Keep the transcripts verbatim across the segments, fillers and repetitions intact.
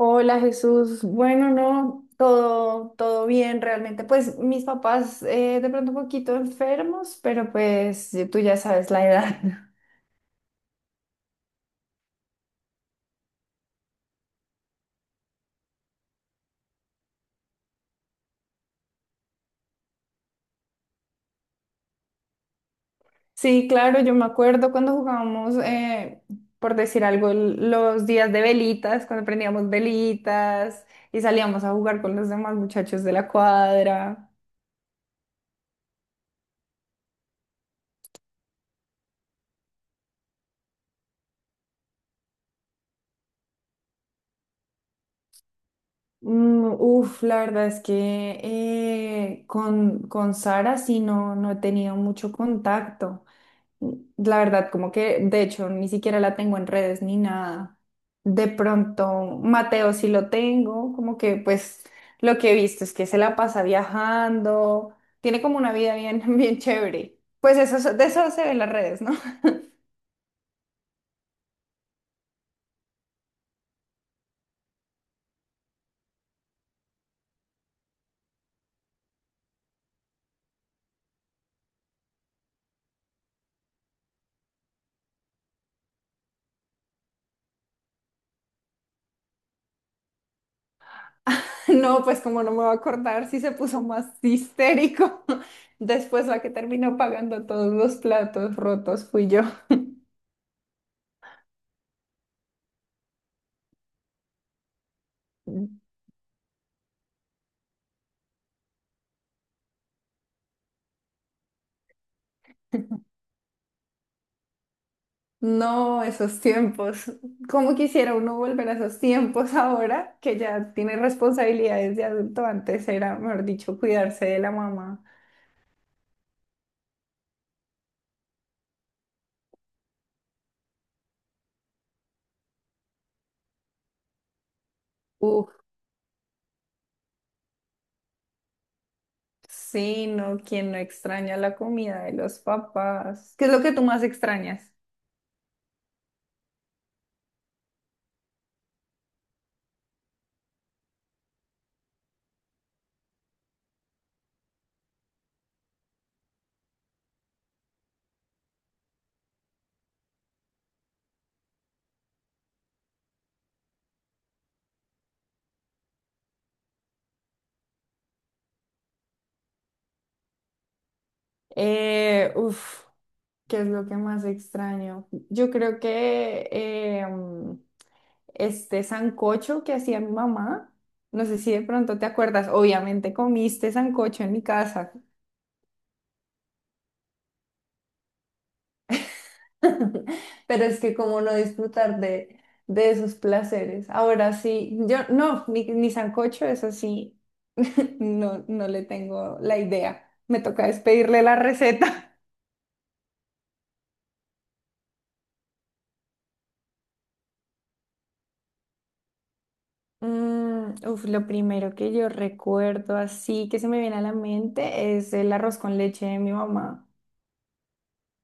Hola Jesús, bueno, no, todo, todo bien realmente. Pues mis papás eh, de pronto un poquito enfermos, pero pues eh, tú ya sabes la edad. Sí, claro, yo me acuerdo cuando jugábamos, eh, por decir algo, el- los días de velitas, cuando prendíamos velitas y salíamos a jugar con los demás muchachos de la cuadra. Mm, uf, la verdad es que eh, con, con Sara sí no, no he tenido mucho contacto. La verdad, como que de hecho ni siquiera la tengo en redes ni nada. De pronto, Mateo sí lo tengo, como que pues lo que he visto es que se la pasa viajando, tiene como una vida bien, bien chévere. Pues eso, de eso se ven las redes, ¿no? No, pues como no me voy a acordar si se puso más histérico. Después la que terminó pagando todos los platos rotos fui yo. No, esos tiempos. ¿Cómo quisiera uno volver a esos tiempos ahora que ya tiene responsabilidades de adulto? Antes era, mejor dicho, cuidarse de la mamá. Uf, sí, no, quien no extraña la comida de los papás. ¿Qué es lo que tú más extrañas? Eh, uf, ¿qué es lo que más extraño? Yo creo que eh, mm, este sancocho que hacía mi mamá, no sé si de pronto te acuerdas, obviamente comiste sancocho en mi casa. Pero es que como no disfrutar de, de esos placeres. Ahora sí, yo no, mi, mi sancocho es así, no, no le tengo la idea. Me toca despedirle la receta. Mm, uf, lo primero que yo recuerdo así que se me viene a la mente es el arroz con leche de mi mamá.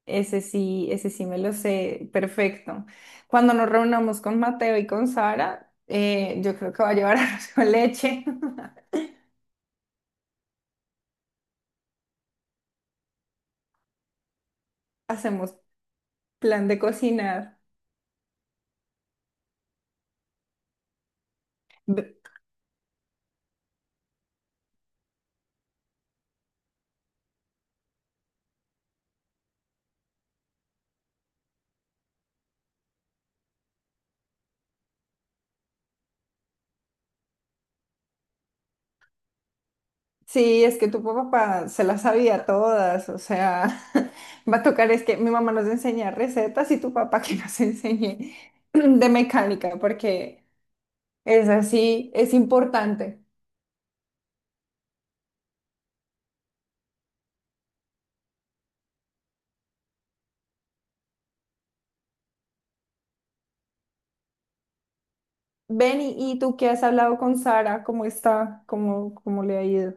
Ese sí, ese sí me lo sé perfecto. Cuando nos reunamos con Mateo y con Sara, eh, yo creo que va a llevar arroz con leche. Hacemos plan de cocinar. Ve- Sí, es que tu papá se las sabía todas, o sea, va a tocar, es que mi mamá nos enseña recetas y tu papá que nos enseñe de mecánica, porque es así, es importante. Ven y, y tú que has hablado con Sara, ¿cómo está? ¿Cómo, cómo le ha ido?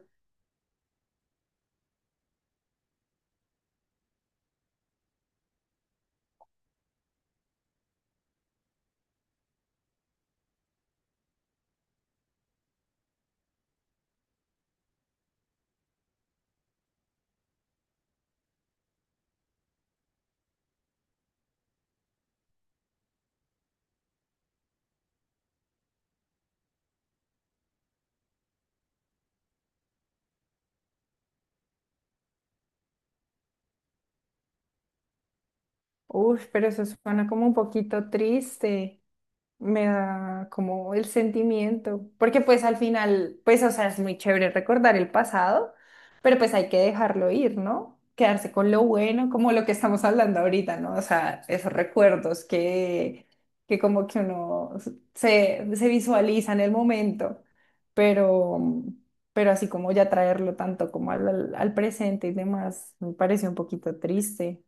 Uf, pero eso suena como un poquito triste. Me da como el sentimiento, porque pues al final, pues o sea, es muy chévere recordar el pasado, pero pues hay que dejarlo ir, ¿no? Quedarse con lo bueno, como lo que estamos hablando ahorita, ¿no? O sea, esos recuerdos que, que como que uno se, se visualiza en el momento, pero, pero así como ya traerlo tanto como al, al al presente y demás, me parece un poquito triste.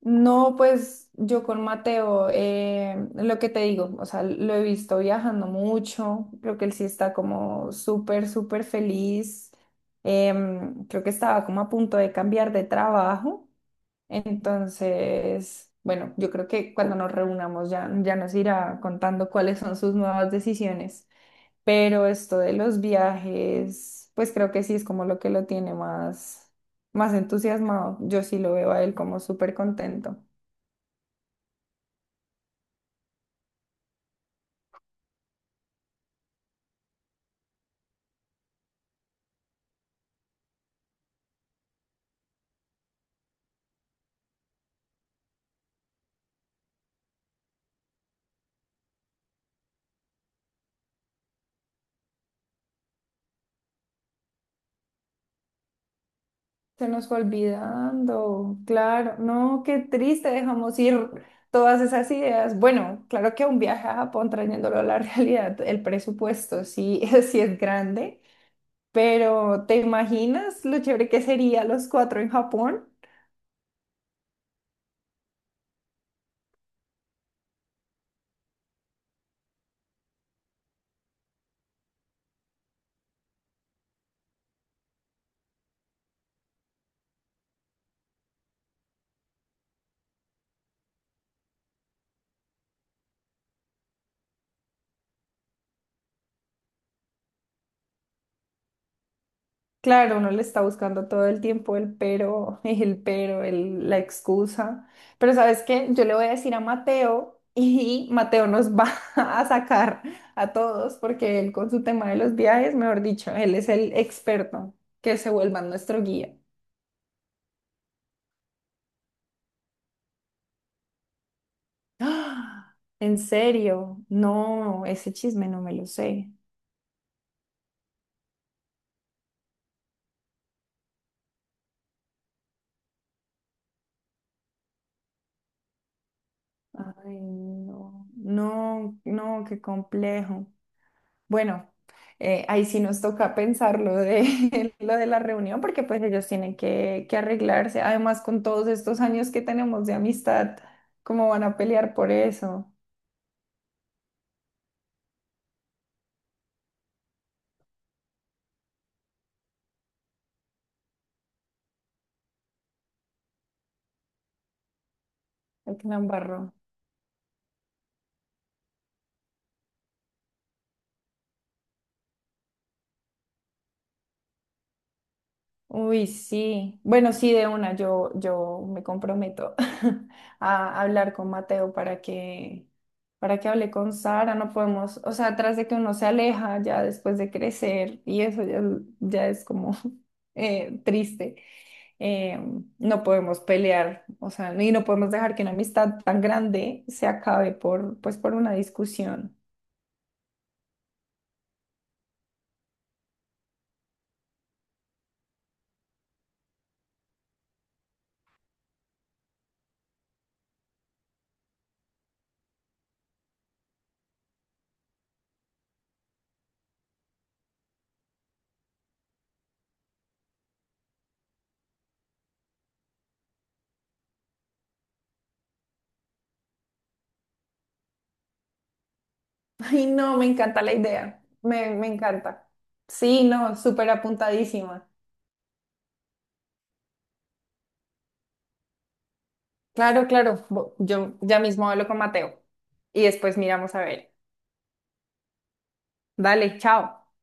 No, pues yo con Mateo, eh, lo que te digo, o sea, lo he visto viajando mucho, creo que él sí está como súper, súper feliz, em, creo que estaba como a punto de cambiar de trabajo, entonces, bueno, yo creo que cuando nos reunamos ya, ya nos irá contando cuáles son sus nuevas decisiones, pero esto de los viajes, pues creo que sí es como lo que lo tiene más, más entusiasmado, yo sí lo veo a él como súper contento. Se nos fue olvidando, claro, no, qué triste, dejamos ir todas esas ideas. Bueno, claro que un viaje a Japón trayéndolo a la realidad, el presupuesto sí, sí es grande, pero ¿te imaginas lo chévere que sería los cuatro en Japón? Claro, uno le está buscando todo el tiempo el pero, el pero, el- la excusa. Pero ¿sabes qué? Yo le voy a decir a Mateo y Mateo nos va a sacar a todos porque él con su tema de los viajes, mejor dicho, él es el experto que se vuelva nuestro guía. ¡Ah! ¿En serio? No, ese chisme no me lo sé. Ay, no, no, no, qué complejo. Bueno, eh, ahí sí nos toca pensar lo de, lo de la reunión, porque pues ellos tienen que, que arreglarse. Además, con todos estos años que tenemos de amistad, ¿cómo van a pelear por eso? El que la embarró. Uy, sí. Bueno, sí, de una, yo, yo me comprometo a hablar con Mateo para que, para que hable con Sara. No podemos, o sea, tras de que uno se aleja ya después de crecer y eso ya, ya es como eh, triste. eh, no podemos pelear, o sea, y no podemos dejar que una amistad tan grande se acabe por, pues, por una discusión. Ay, no, me encanta la idea, me, me encanta. Sí, no, súper apuntadísima. Claro, claro, bo- yo ya mismo hablo con Mateo y después miramos a ver. Dale, chao.